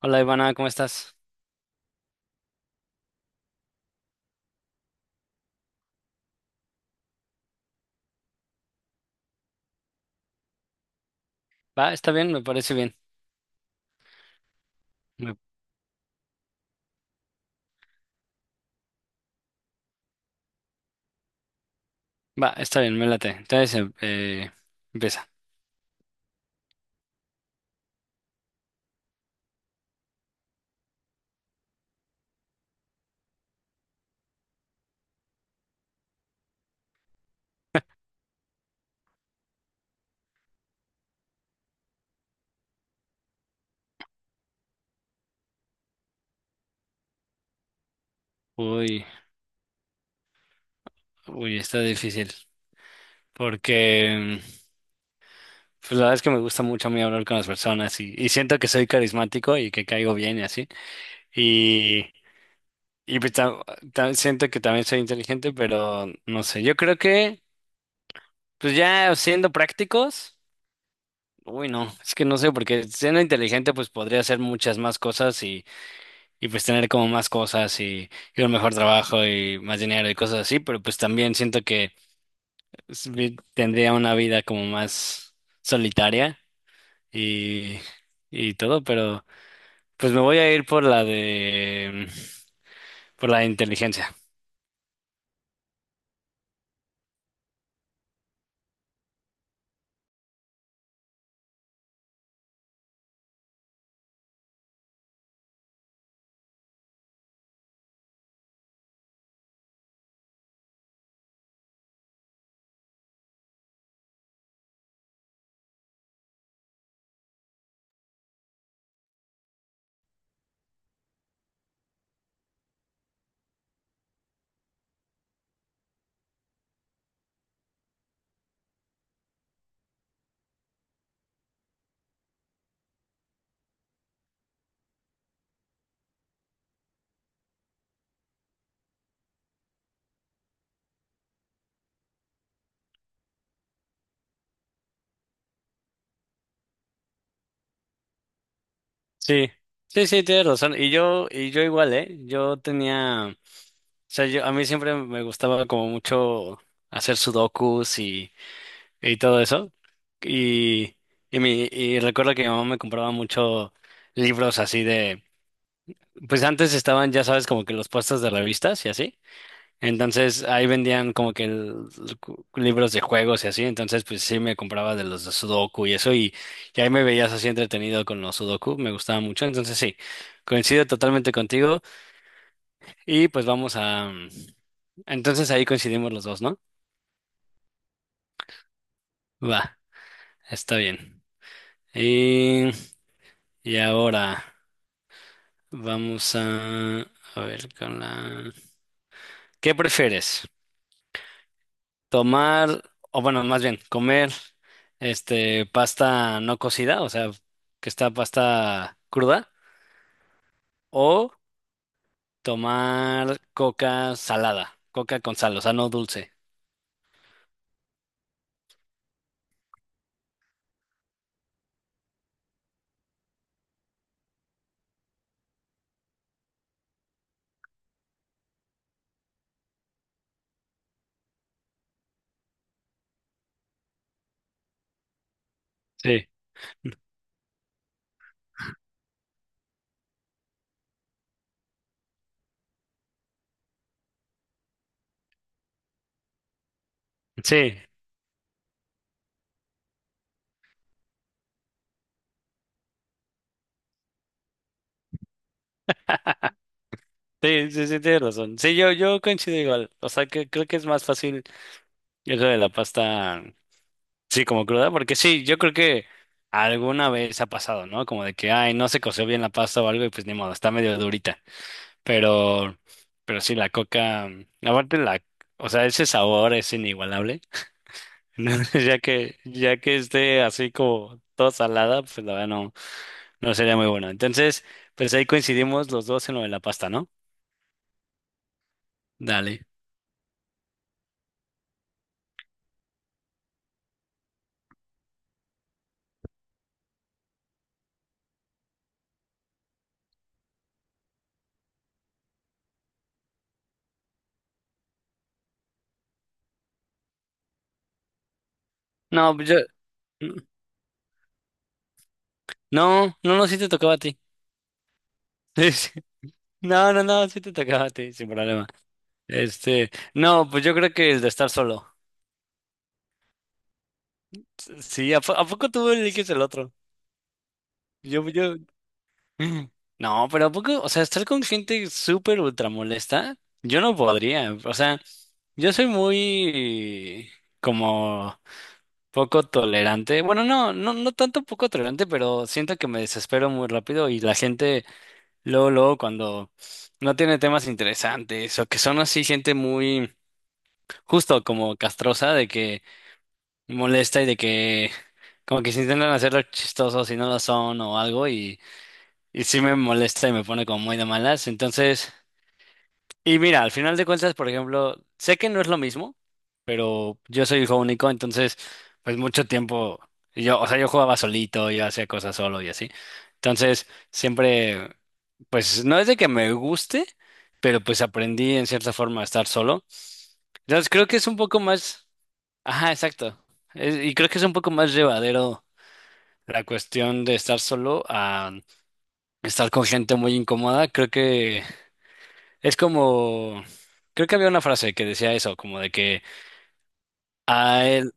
Hola Ivana, ¿cómo estás? Va, está bien, me parece bien. Me- Va, está bien, me late. Entonces, empieza. Uy, uy, está difícil. Porque, pues la verdad es que me gusta mucho a mí hablar con las personas y siento que soy carismático y que caigo bien y así. Y, y pues siento que también soy inteligente, pero no sé. Yo creo que, pues ya siendo prácticos, uy, no, es que no sé, porque siendo inteligente, pues podría hacer muchas más cosas y pues tener como más cosas y un mejor trabajo y más dinero y cosas así, pero pues también siento que tendría una vida como más solitaria y, y todo, pero pues me voy a ir por la de por la de inteligencia. Sí, sí, sí, tienes razón. Y yo igual, ¿eh? Yo tenía, o sea, yo, a mí siempre me gustaba como mucho hacer sudokus y todo eso. Y, y recuerdo que mi mamá me compraba mucho libros así de, pues antes estaban, ya sabes, como que los puestos de revistas y así. Entonces ahí vendían como que libros de juegos y así. Entonces pues sí me compraba de los de Sudoku y eso. Y ahí me veías así entretenido con los Sudoku. Me gustaba mucho. Entonces sí, coincido totalmente contigo. Y pues entonces ahí coincidimos los dos, ¿no? Va, está bien. Y, y ahora... Vamos a, a ver con la... ¿Qué prefieres? ¿Tomar, o bueno, más bien, comer este pasta no cocida, o sea, que está pasta cruda, o tomar coca salada, coca con sal, o sea, no dulce? Sí, sí, sí, sí, sí, tienes razón. Sí, yo coincido igual. O sea, que creo que es más fácil eso de la pasta. Sí, como cruda, porque sí, yo creo que alguna vez ha pasado, ¿no? Como de que, ay, no se coció bien la pasta o algo y pues ni modo, está medio durita. Pero, pero sí, la coca, aparte la, o sea, ese sabor es inigualable. ¿No? Ya que esté así como toda salada, pues la verdad no, no sería muy bueno. Entonces, pues ahí coincidimos los dos en lo de la pasta, ¿no? Dale. No, pues yo, no, no, no, sí te tocaba a ti. No, no, no, sí te tocaba a ti, sin problema. Este, no, pues yo creo que el de estar solo. Sí, ¿a, a poco tú eliges el otro? Yo, yo. No, pero ¿a poco? O sea, estar con gente súper ultra molesta, yo no podría. O sea, yo soy muy como poco tolerante. Bueno, no, no, no tanto poco tolerante, pero siento que me desespero muy rápido y la gente, luego, luego, cuando no tiene temas interesantes o que son así gente muy justo como castrosa de que molesta y de que como que se intentan hacerlo chistosos y no lo son o algo y sí me molesta y me pone como muy de malas. Entonces, y mira, al final de cuentas, por ejemplo, sé que no es lo mismo, pero yo soy hijo único, entonces pues mucho tiempo yo, o sea, yo jugaba solito, yo hacía cosas solo y así. Entonces, siempre, pues no es de que me guste, pero pues aprendí en cierta forma a estar solo. Entonces, creo que es un poco más, ajá, exacto. Y creo que es un poco más llevadero la cuestión de estar solo a estar con gente muy incómoda, creo que es como, creo que había una frase que decía eso, como de que a él,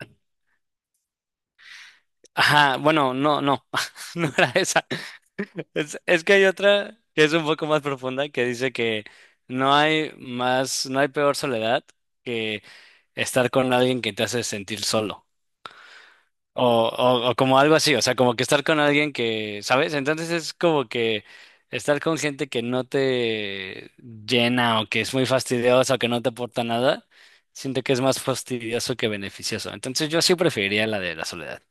ajá, bueno, no, no, no era esa. Es que hay otra que es un poco más profunda que dice que no hay más, no hay peor soledad que estar con alguien que te hace sentir solo. O como algo así, o sea, como que estar con alguien que, ¿sabes? Entonces es como que estar con gente que no te llena o que es muy fastidiosa o que no te aporta nada, siento que es más fastidioso que beneficioso. Entonces yo sí preferiría la de la soledad.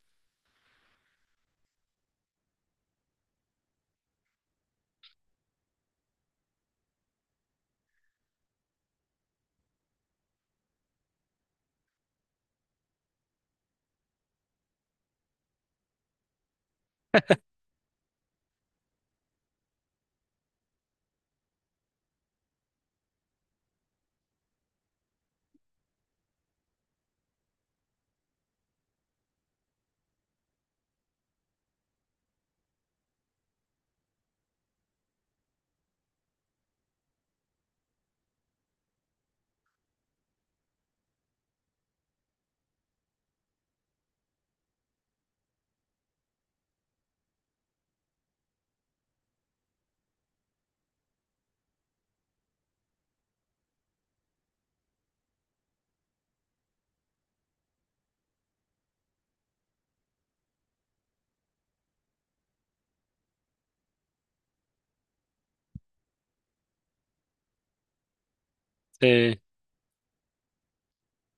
Sí,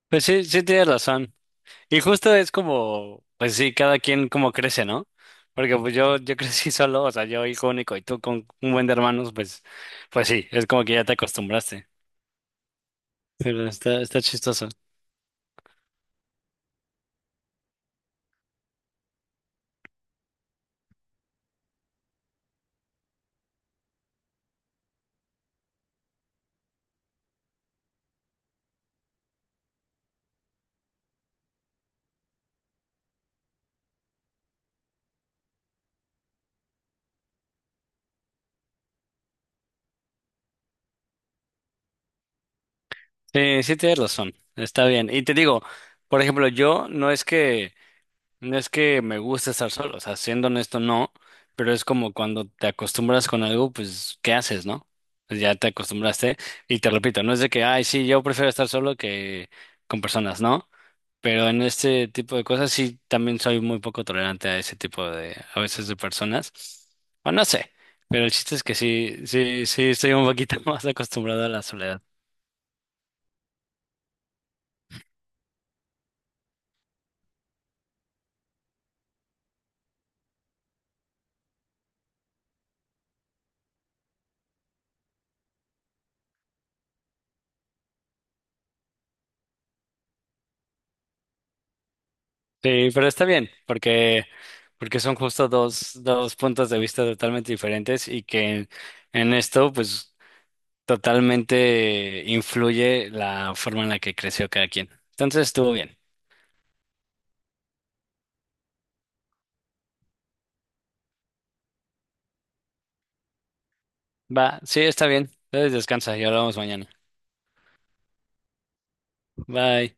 pues sí, sí tienes razón. Y justo es como, pues sí, cada quien como crece, ¿no? Porque pues yo crecí solo, o sea, yo hijo único y tú con un buen de hermanos, pues, pues sí, es como que ya te acostumbraste. Pero está, está chistoso. Sí, sí tienes razón, está bien. Y te digo, por ejemplo, yo no es que, no es que me guste estar solo, o sea, siendo honesto, no, pero es como cuando te acostumbras con algo, pues, ¿qué haces, no? Pues ya te acostumbraste, y te repito, no es de que, ay, sí, yo prefiero estar solo que con personas, ¿no? Pero en este tipo de cosas sí también soy muy poco tolerante a ese tipo de, a veces de personas, o no sé, pero el chiste es que sí, sí, sí estoy un poquito más acostumbrado a la soledad. Sí, pero está bien, porque, porque son justo dos, dos puntos de vista totalmente diferentes y que en esto, pues, totalmente influye la forma en la que creció cada quien. Entonces estuvo bien. Va, sí, está bien. Entonces descansa y hablamos mañana. Bye.